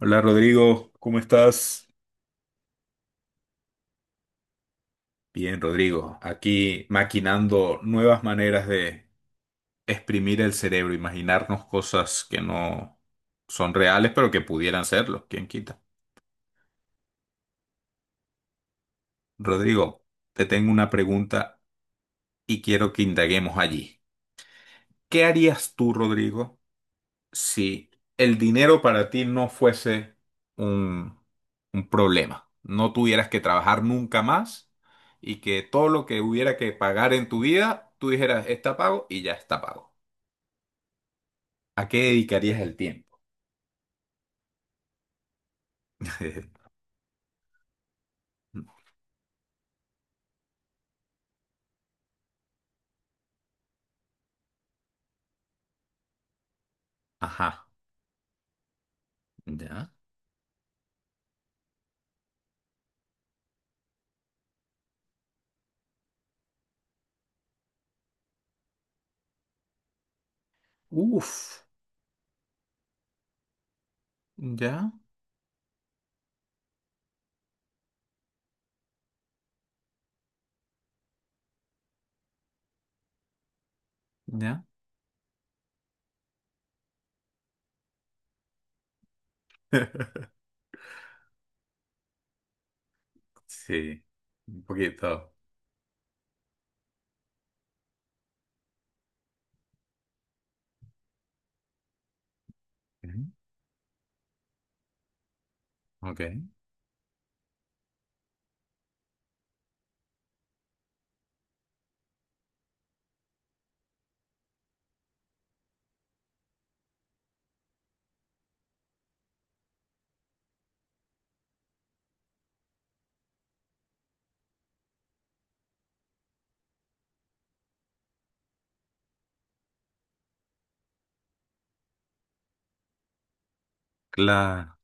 Hola Rodrigo, ¿cómo estás? Bien, Rodrigo, aquí maquinando nuevas maneras de exprimir el cerebro, imaginarnos cosas que no son reales, pero que pudieran serlo, quién quita. Rodrigo, te tengo una pregunta y quiero que indaguemos allí. ¿Qué harías tú, Rodrigo? Si el dinero para ti no fuese un, un problema, no tuvieras que trabajar nunca más y que todo lo que hubiera que pagar en tu vida, tú dijeras, está pago y ya está pago. ¿A qué dedicarías el tiempo? Ajá, ya. Uf, ya, ya. Sí, un poquito. Ujú. Ok. Claro.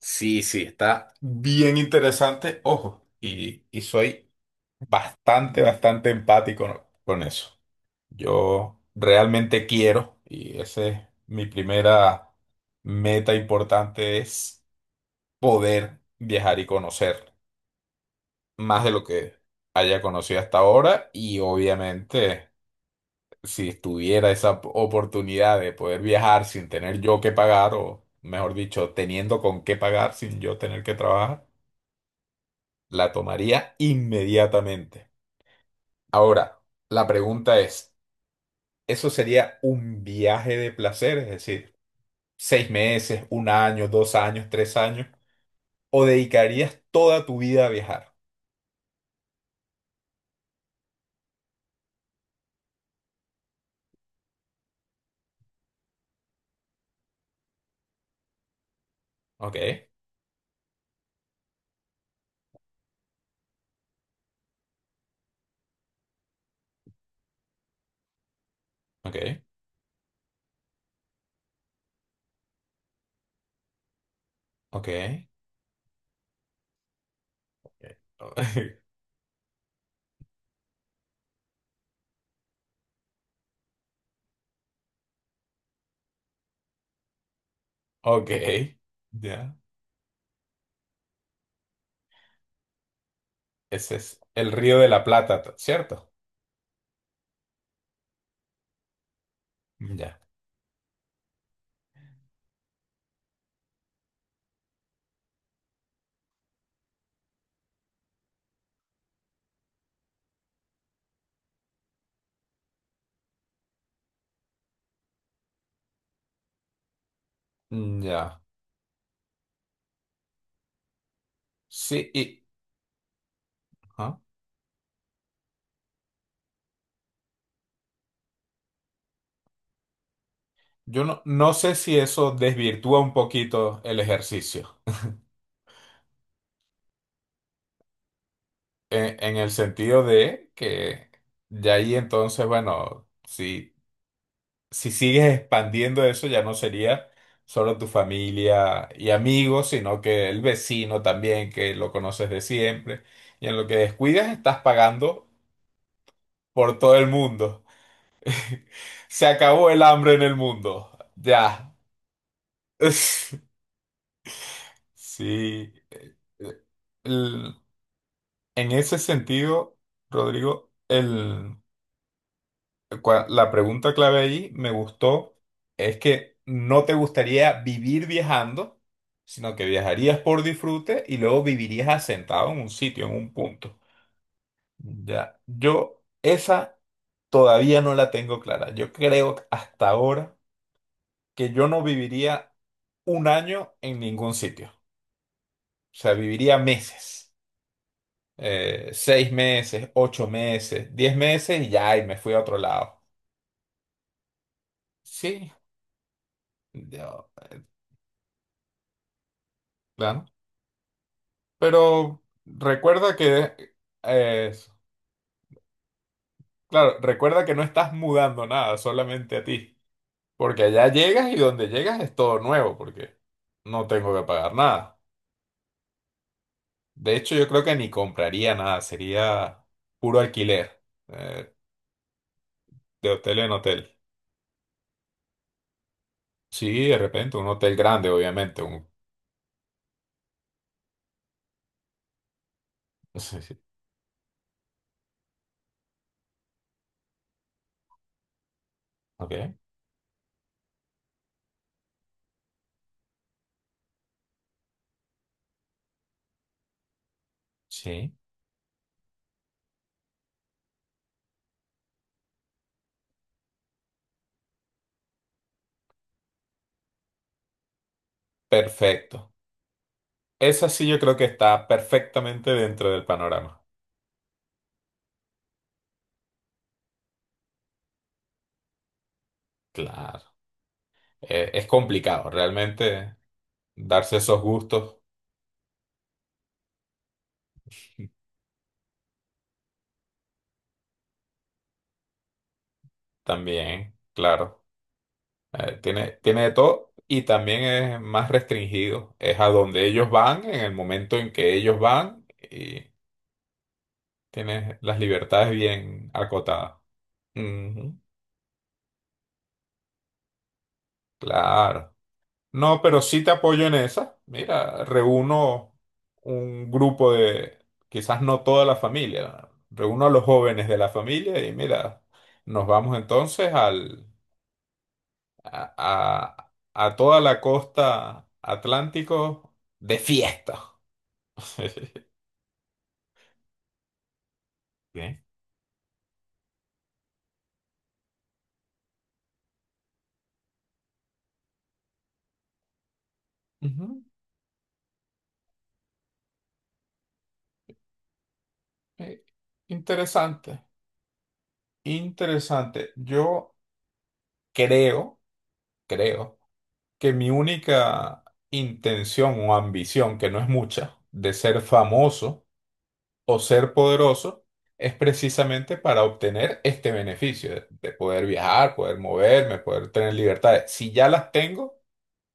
Sí, sí, está bien interesante. Ojo, y soy bastante, bastante empático con eso. Yo realmente quiero, y esa es mi primera meta importante, es poder viajar y conocer más de lo que haya conocido hasta ahora. Y obviamente, si tuviera esa oportunidad de poder viajar sin tener yo que pagar, o mejor dicho, teniendo con qué pagar sin yo tener que trabajar, la tomaría inmediatamente. Ahora, la pregunta es... Eso sería un viaje de placer, es decir, 6 meses, un año, 2 años, 3 años, o dedicarías toda tu vida a viajar. Ok, ok, ok, ok, ok, ya. Ese es el Río de la Plata, ¿cierto? Ya, mm, ya. Sí, y ajá. Yo no, no sé si eso desvirtúa un poquito el ejercicio, en el sentido de que de ahí entonces, bueno, si sigues expandiendo eso, ya no sería solo tu familia y amigos, sino que el vecino también, que lo conoces de siempre. Y en lo que descuidas, estás pagando por todo el mundo. Se acabó el hambre en el mundo. Ya. Sí. Eh, El- en ese sentido, Rodrigo, la pregunta clave ahí me gustó es que no te gustaría vivir viajando, sino que viajarías por disfrute y luego vivirías asentado en un sitio, en un punto. Ya, yo esa todavía no la tengo clara. Yo creo hasta ahora que yo no viviría un año en ningún sitio. O sea, viviría meses. 6 meses, 8 meses, 10 meses y ya, y me fui a otro lado. Sí, yo, eh, claro. Pero recuerda que, eh, claro, recuerda que no estás mudando nada, solamente a ti. Porque allá llegas y donde llegas es todo nuevo, porque no tengo que pagar nada. De hecho, yo creo que ni compraría nada, sería puro alquiler, eh, de hotel en hotel. Sí, de repente, un hotel grande, obviamente. Un... Sí, sí. Ok, sí, perfecto. Esa sí yo creo que está perfectamente dentro del panorama. Claro, es complicado, realmente. Darse esos gustos también, claro. Tiene de todo y también es más restringido. Es a donde ellos van, en el momento en que ellos van y tienes las libertades bien acotadas. Ujú, claro. No, pero sí te apoyo en esa. Mira, reúno un grupo de, quizás no toda la familia, reúno a los jóvenes de la familia y mira, nos vamos entonces al a, a toda la costa atlántico de fiesta. Bien. Ujú. Eh, interesante, interesante. Yo creo, creo que mi única intención o ambición, que no es mucha, de ser famoso o ser poderoso, es precisamente para obtener este beneficio de poder viajar, poder moverme, poder tener libertades. Si ya las tengo,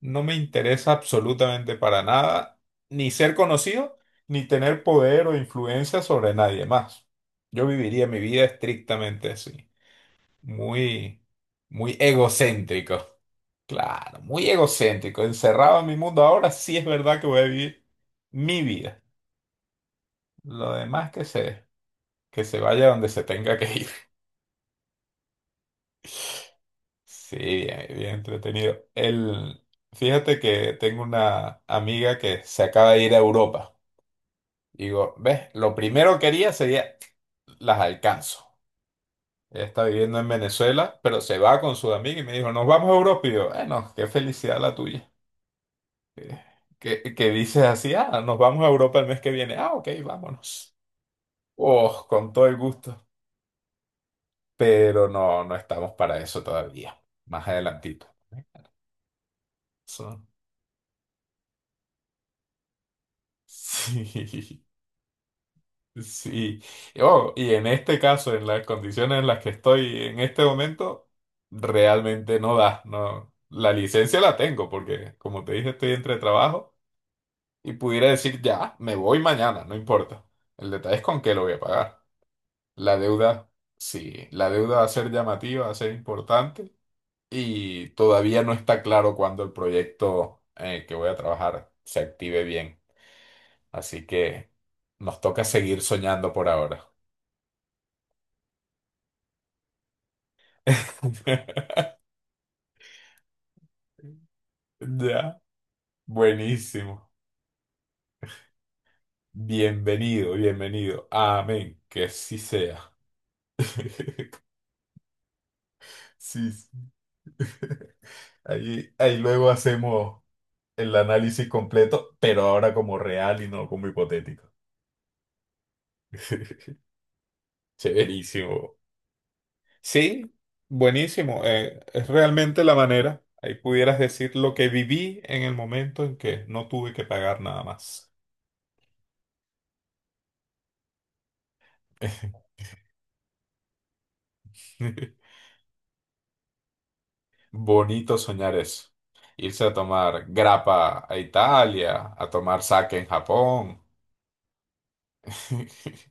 no me interesa absolutamente para nada ni ser conocido, ni tener poder o influencia sobre nadie más. Yo viviría mi vida estrictamente así, muy, muy egocéntrico. Claro, muy egocéntrico, encerrado en mi mundo. Ahora sí es verdad que voy a vivir mi vida. Lo demás que se vaya donde se tenga que ir. Sí, bien, bien entretenido. Fíjate que tengo una amiga que se acaba de ir a Europa. Digo, ves, lo primero que haría sería, las alcanzo. Ella está viviendo en Venezuela, pero se va con su amiga y me dijo, nos vamos a Europa. Y yo, bueno, qué felicidad la tuya. Eh, que dices así, ah, nos vamos a Europa el mes que viene. Ah, ok, vámonos. Oh, con todo el gusto. Pero no, no estamos para eso todavía. Más adelantito. ¿Eh? Eso- Sí. Sí, oh, y en este caso, en las condiciones en las que estoy en este momento, realmente no da, no. La licencia la tengo porque, como te dije, estoy entre trabajo y pudiera decir ya, me voy mañana, no importa. El detalle es con qué lo voy a pagar. La deuda, sí, la deuda va a ser llamativa, va a ser importante y todavía no está claro cuándo el proyecto en el que voy a trabajar se active bien. Así que nos toca seguir soñando por ahora. Ya, buenísimo. Bienvenido, bienvenido. Amén, que así sea. Sí, sí. Ahí, ahí luego hacemos el análisis completo, pero ahora como real y no como hipotético. Chéverísimo. Sí, buenísimo. Es realmente la manera. Ahí pudieras decir lo que viví en el momento en que no tuve que pagar nada más. Bonito soñar eso. Irse a tomar grappa a Italia, a tomar sake en Japón,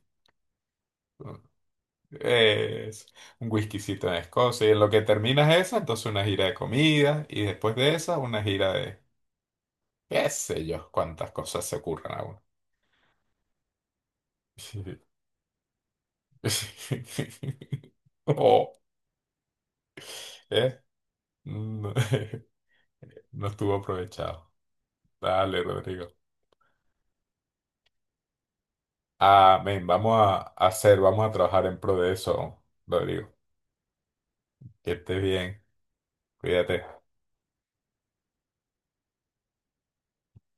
es un whiskycito en Escocia. Y en lo que terminas esa, entonces una gira de comida. Y después de esa, una gira de qué sé yo, cuántas cosas se ocurran a uno. Oh, ¿eh? No, no estuvo aprovechado. Dale, Rodrigo. Amén. Vamos a trabajar en pro de eso, Rodrigo. Que estés bien. Cuídate.